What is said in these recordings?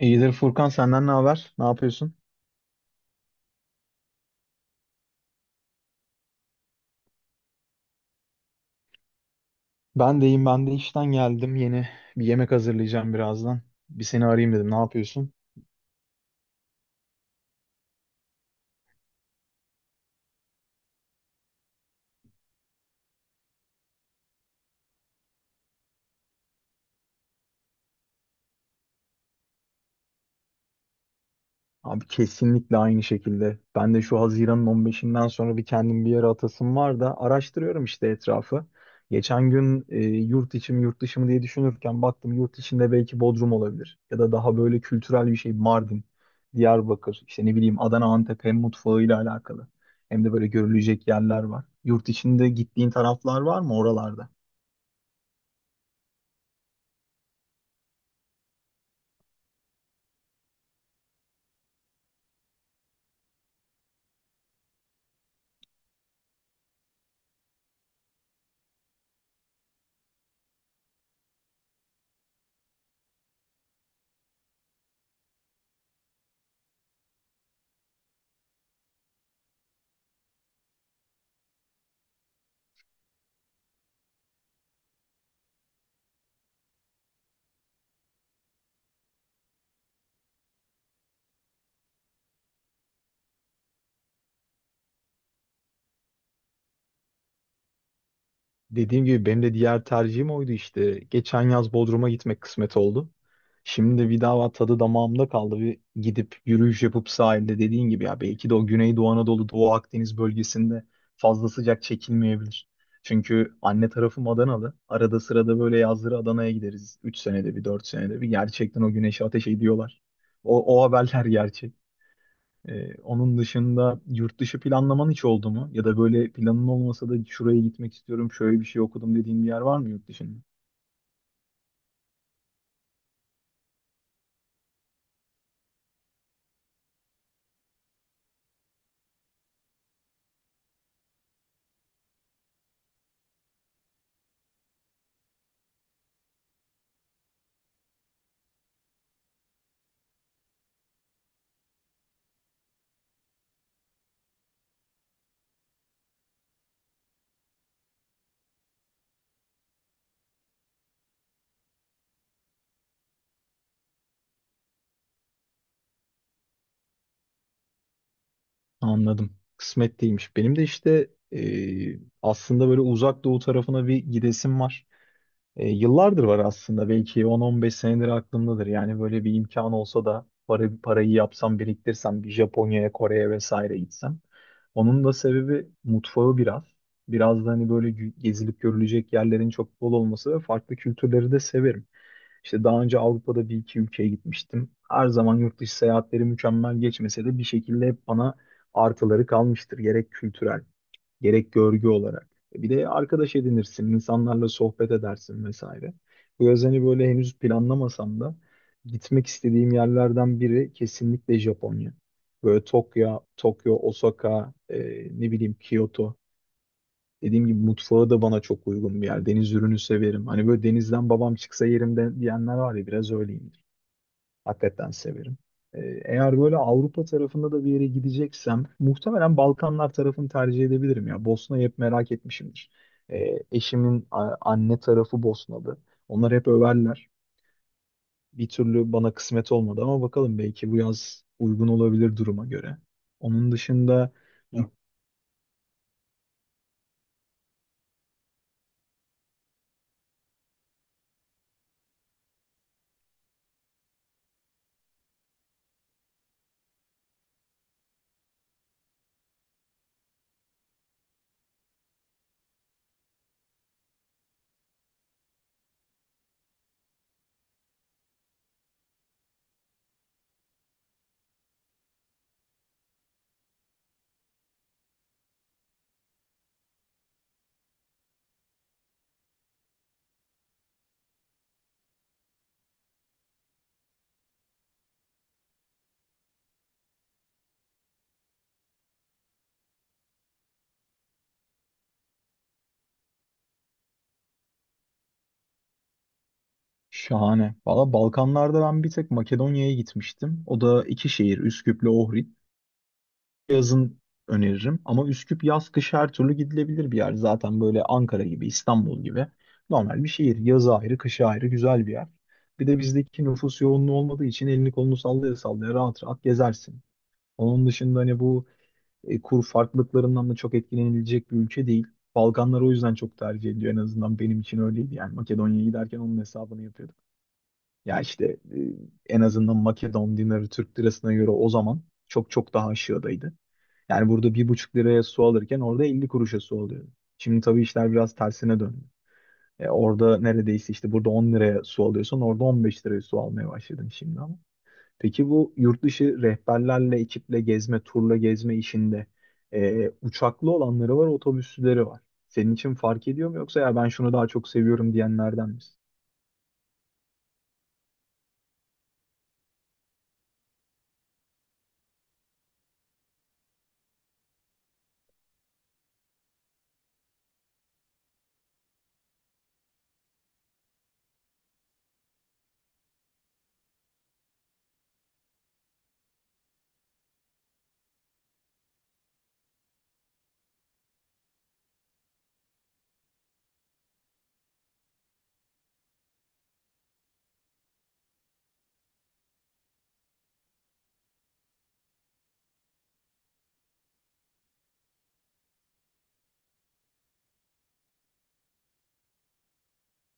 İyidir Furkan, senden ne haber? Ne yapıyorsun? Ben de işten geldim. Yeni bir yemek hazırlayacağım birazdan. Bir seni arayayım dedim. Ne yapıyorsun? Abi kesinlikle aynı şekilde. Ben de şu Haziran'ın 15'inden sonra bir kendim bir yere atasım var da araştırıyorum işte etrafı. Geçen gün yurt içi mi yurt dışı mı diye düşünürken baktım yurt içinde belki Bodrum olabilir. Ya da daha böyle kültürel bir şey Mardin, Diyarbakır, işte ne bileyim Adana, Antep hem mutfağıyla alakalı. Hem de böyle görülecek yerler var. Yurt içinde gittiğin taraflar var mı oralarda? Dediğim gibi benim de diğer tercihim oydu işte. Geçen yaz Bodrum'a gitmek kısmet oldu. Şimdi bir daha tadı damağımda kaldı. Bir gidip yürüyüş yapıp sahilde dediğin gibi ya belki de o Güneydoğu Anadolu, Doğu Akdeniz bölgesinde fazla sıcak çekilmeyebilir. Çünkü anne tarafım Adanalı. Arada sırada böyle yazları Adana'ya gideriz. 3 senede bir, 4 senede bir. Gerçekten o güneşi ateş ediyorlar. O haberler gerçek. Onun dışında yurt dışı planlaman hiç oldu mu? Ya da böyle planın olmasa da şuraya gitmek istiyorum, şöyle bir şey okudum dediğin bir yer var mı yurt dışında? Anladım. Kısmet değilmiş. Benim de işte aslında böyle uzak doğu tarafına bir gidesim var. Yıllardır var aslında, belki 10-15 senedir aklımdadır. Yani böyle bir imkan olsa da para, parayı yapsam biriktirsem bir Japonya'ya, Kore'ye vesaire gitsem. Onun da sebebi mutfağı biraz. Biraz da hani böyle gezilip görülecek yerlerin çok bol olması ve farklı kültürleri de severim. İşte daha önce Avrupa'da bir iki ülkeye gitmiştim. Her zaman yurt dışı seyahatleri mükemmel geçmese de bir şekilde hep bana artıları kalmıştır. Gerek kültürel, gerek görgü olarak. Bir de arkadaş edinirsin, insanlarla sohbet edersin vesaire. Bu yaz hani böyle henüz planlamasam da gitmek istediğim yerlerden biri kesinlikle Japonya. Böyle Tokyo, Osaka, ne bileyim Kyoto. Dediğim gibi mutfağı da bana çok uygun bir yer. Deniz ürünü severim. Hani böyle denizden babam çıksa yerimde diyenler var ya, biraz öyleyim. Hakikaten severim. Ee, Eğer böyle Avrupa tarafında da bir yere gideceksem muhtemelen Balkanlar tarafını tercih edebilirim ya. Bosna'yı hep merak etmişimdir. Eşimin anne tarafı Bosnalı. Onlar hep överler. Bir türlü bana kısmet olmadı ama bakalım belki bu yaz uygun olabilir duruma göre. Onun dışında. Hı. Şahane. Valla Balkanlarda ben bir tek Makedonya'ya gitmiştim. O da iki şehir, Üsküp'le Ohrid. Yazın öneririm. Ama Üsküp yaz kış her türlü gidilebilir bir yer. Zaten böyle Ankara gibi, İstanbul gibi normal bir şehir. Yazı ayrı, kışı ayrı güzel bir yer. Bir de bizdeki nüfus yoğunluğu olmadığı için elini kolunu sallaya sallaya rahat rahat gezersin. Onun dışında hani bu kur farklılıklarından da çok etkilenilecek bir ülke değil. Balkanlar o yüzden çok tercih ediliyor. En azından benim için öyleydi. Yani Makedonya'ya giderken onun hesabını yapıyordum. Ya işte, en azından Makedon dinarı Türk lirasına göre o zaman çok çok daha aşağıdaydı. Yani burada bir buçuk liraya su alırken orada 50 kuruşa su alıyordu. Şimdi tabii işler biraz tersine döndü. Orada neredeyse işte burada 10 liraya su alıyorsan orada 15 liraya su almaya başladın şimdi ama. Peki bu yurt dışı rehberlerle, ekiple gezme, turla gezme işinde uçaklı olanları var, otobüsleri var. Senin için fark ediyor mu yoksa ya ben şunu daha çok seviyorum diyenlerden misin?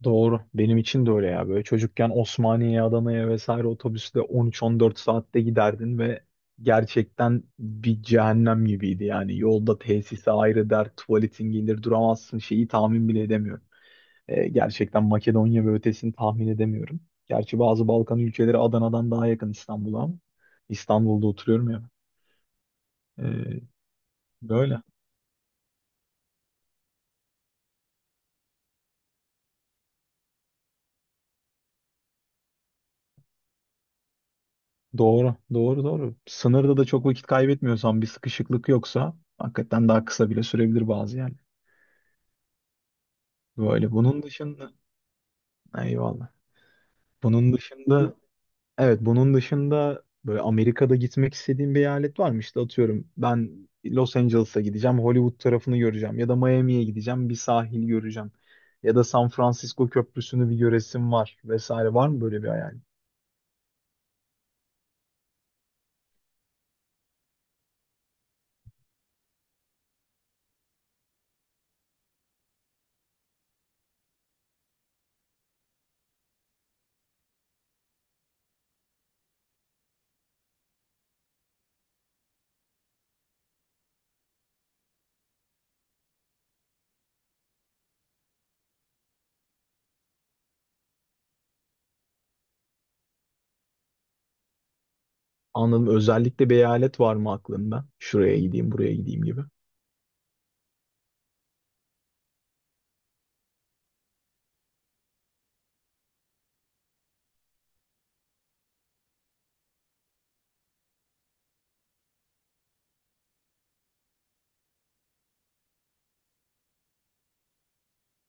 Doğru. Benim için de öyle ya. Böyle çocukken Osmaniye'ye, Adana'ya vesaire otobüsle 13-14 saatte giderdin ve gerçekten bir cehennem gibiydi yani. Yolda tesise ayrı dert, tuvaletin gelir duramazsın, şeyi tahmin bile edemiyorum. Gerçekten Makedonya ve ötesini tahmin edemiyorum. Gerçi bazı Balkan ülkeleri Adana'dan daha yakın İstanbul'a ama İstanbul'da oturuyorum ya. Ee, Böyle. Doğru, doğru, doğru. Sınırda da çok vakit kaybetmiyorsan, bir sıkışıklık yoksa hakikaten daha kısa bile sürebilir bazı yani. Böyle bunun dışında eyvallah. Bunun dışında, evet, bunun dışında böyle Amerika'da gitmek istediğim bir eyalet var mı? İşte atıyorum ben Los Angeles'a gideceğim, Hollywood tarafını göreceğim ya da Miami'ye gideceğim, bir sahil göreceğim. Ya da San Francisco Köprüsü'nü bir göresim var vesaire, var mı böyle bir hayal? Anladım. Özellikle bir eyalet var mı aklında? Şuraya gideyim, buraya gideyim gibi.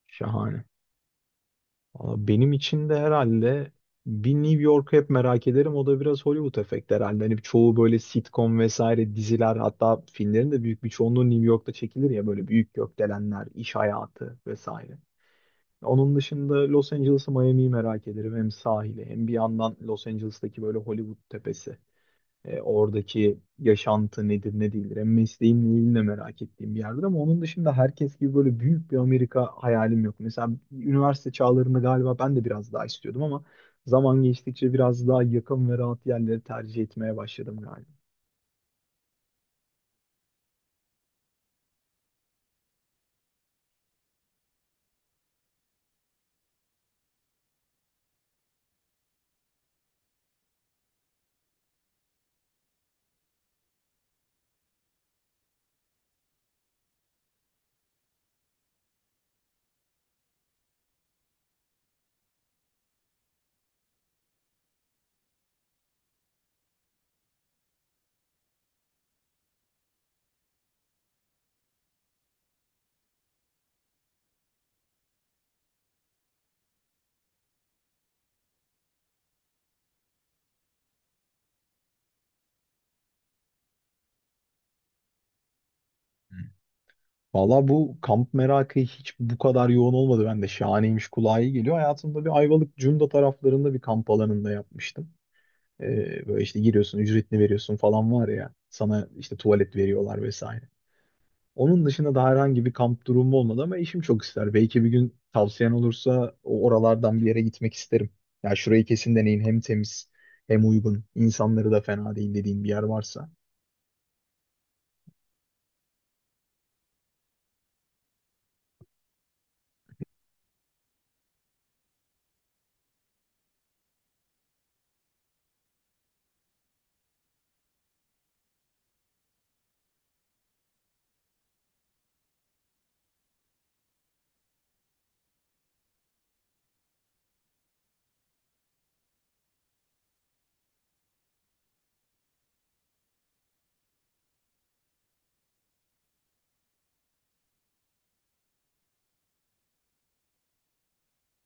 Şahane. Valla benim için de herhalde bir New York'u hep merak ederim. O da biraz Hollywood efekti herhalde. Hani çoğu böyle sitcom vesaire diziler, hatta filmlerin de büyük bir çoğunluğu New York'ta çekilir ya, böyle büyük gökdelenler, iş hayatı vesaire. Onun dışında Los Angeles'ı, Miami'yi merak ederim. Hem sahili hem bir yandan Los Angeles'taki böyle Hollywood tepesi. Oradaki yaşantı nedir ne değildir. Hem mesleğimle ilgili de merak ettiğim bir yerdir ama onun dışında herkes gibi böyle büyük bir Amerika hayalim yok. Mesela üniversite çağlarında galiba ben de biraz daha istiyordum ama zaman geçtikçe biraz daha yakın ve rahat yerleri tercih etmeye başladım galiba. Valla bu kamp merakı hiç bu kadar yoğun olmadı. Ben de şahaneymiş, kulağa iyi geliyor. Hayatımda bir Ayvalık Cunda taraflarında bir kamp alanında yapmıştım. Böyle işte giriyorsun, ücretini veriyorsun falan var ya. Sana işte tuvalet veriyorlar vesaire. Onun dışında da herhangi bir kamp durumu olmadı ama eşim çok ister. Belki bir gün tavsiyen olursa o oralardan bir yere gitmek isterim. Ya şurayı kesin deneyin. Hem temiz hem uygun. İnsanları da fena değil dediğin bir yer varsa.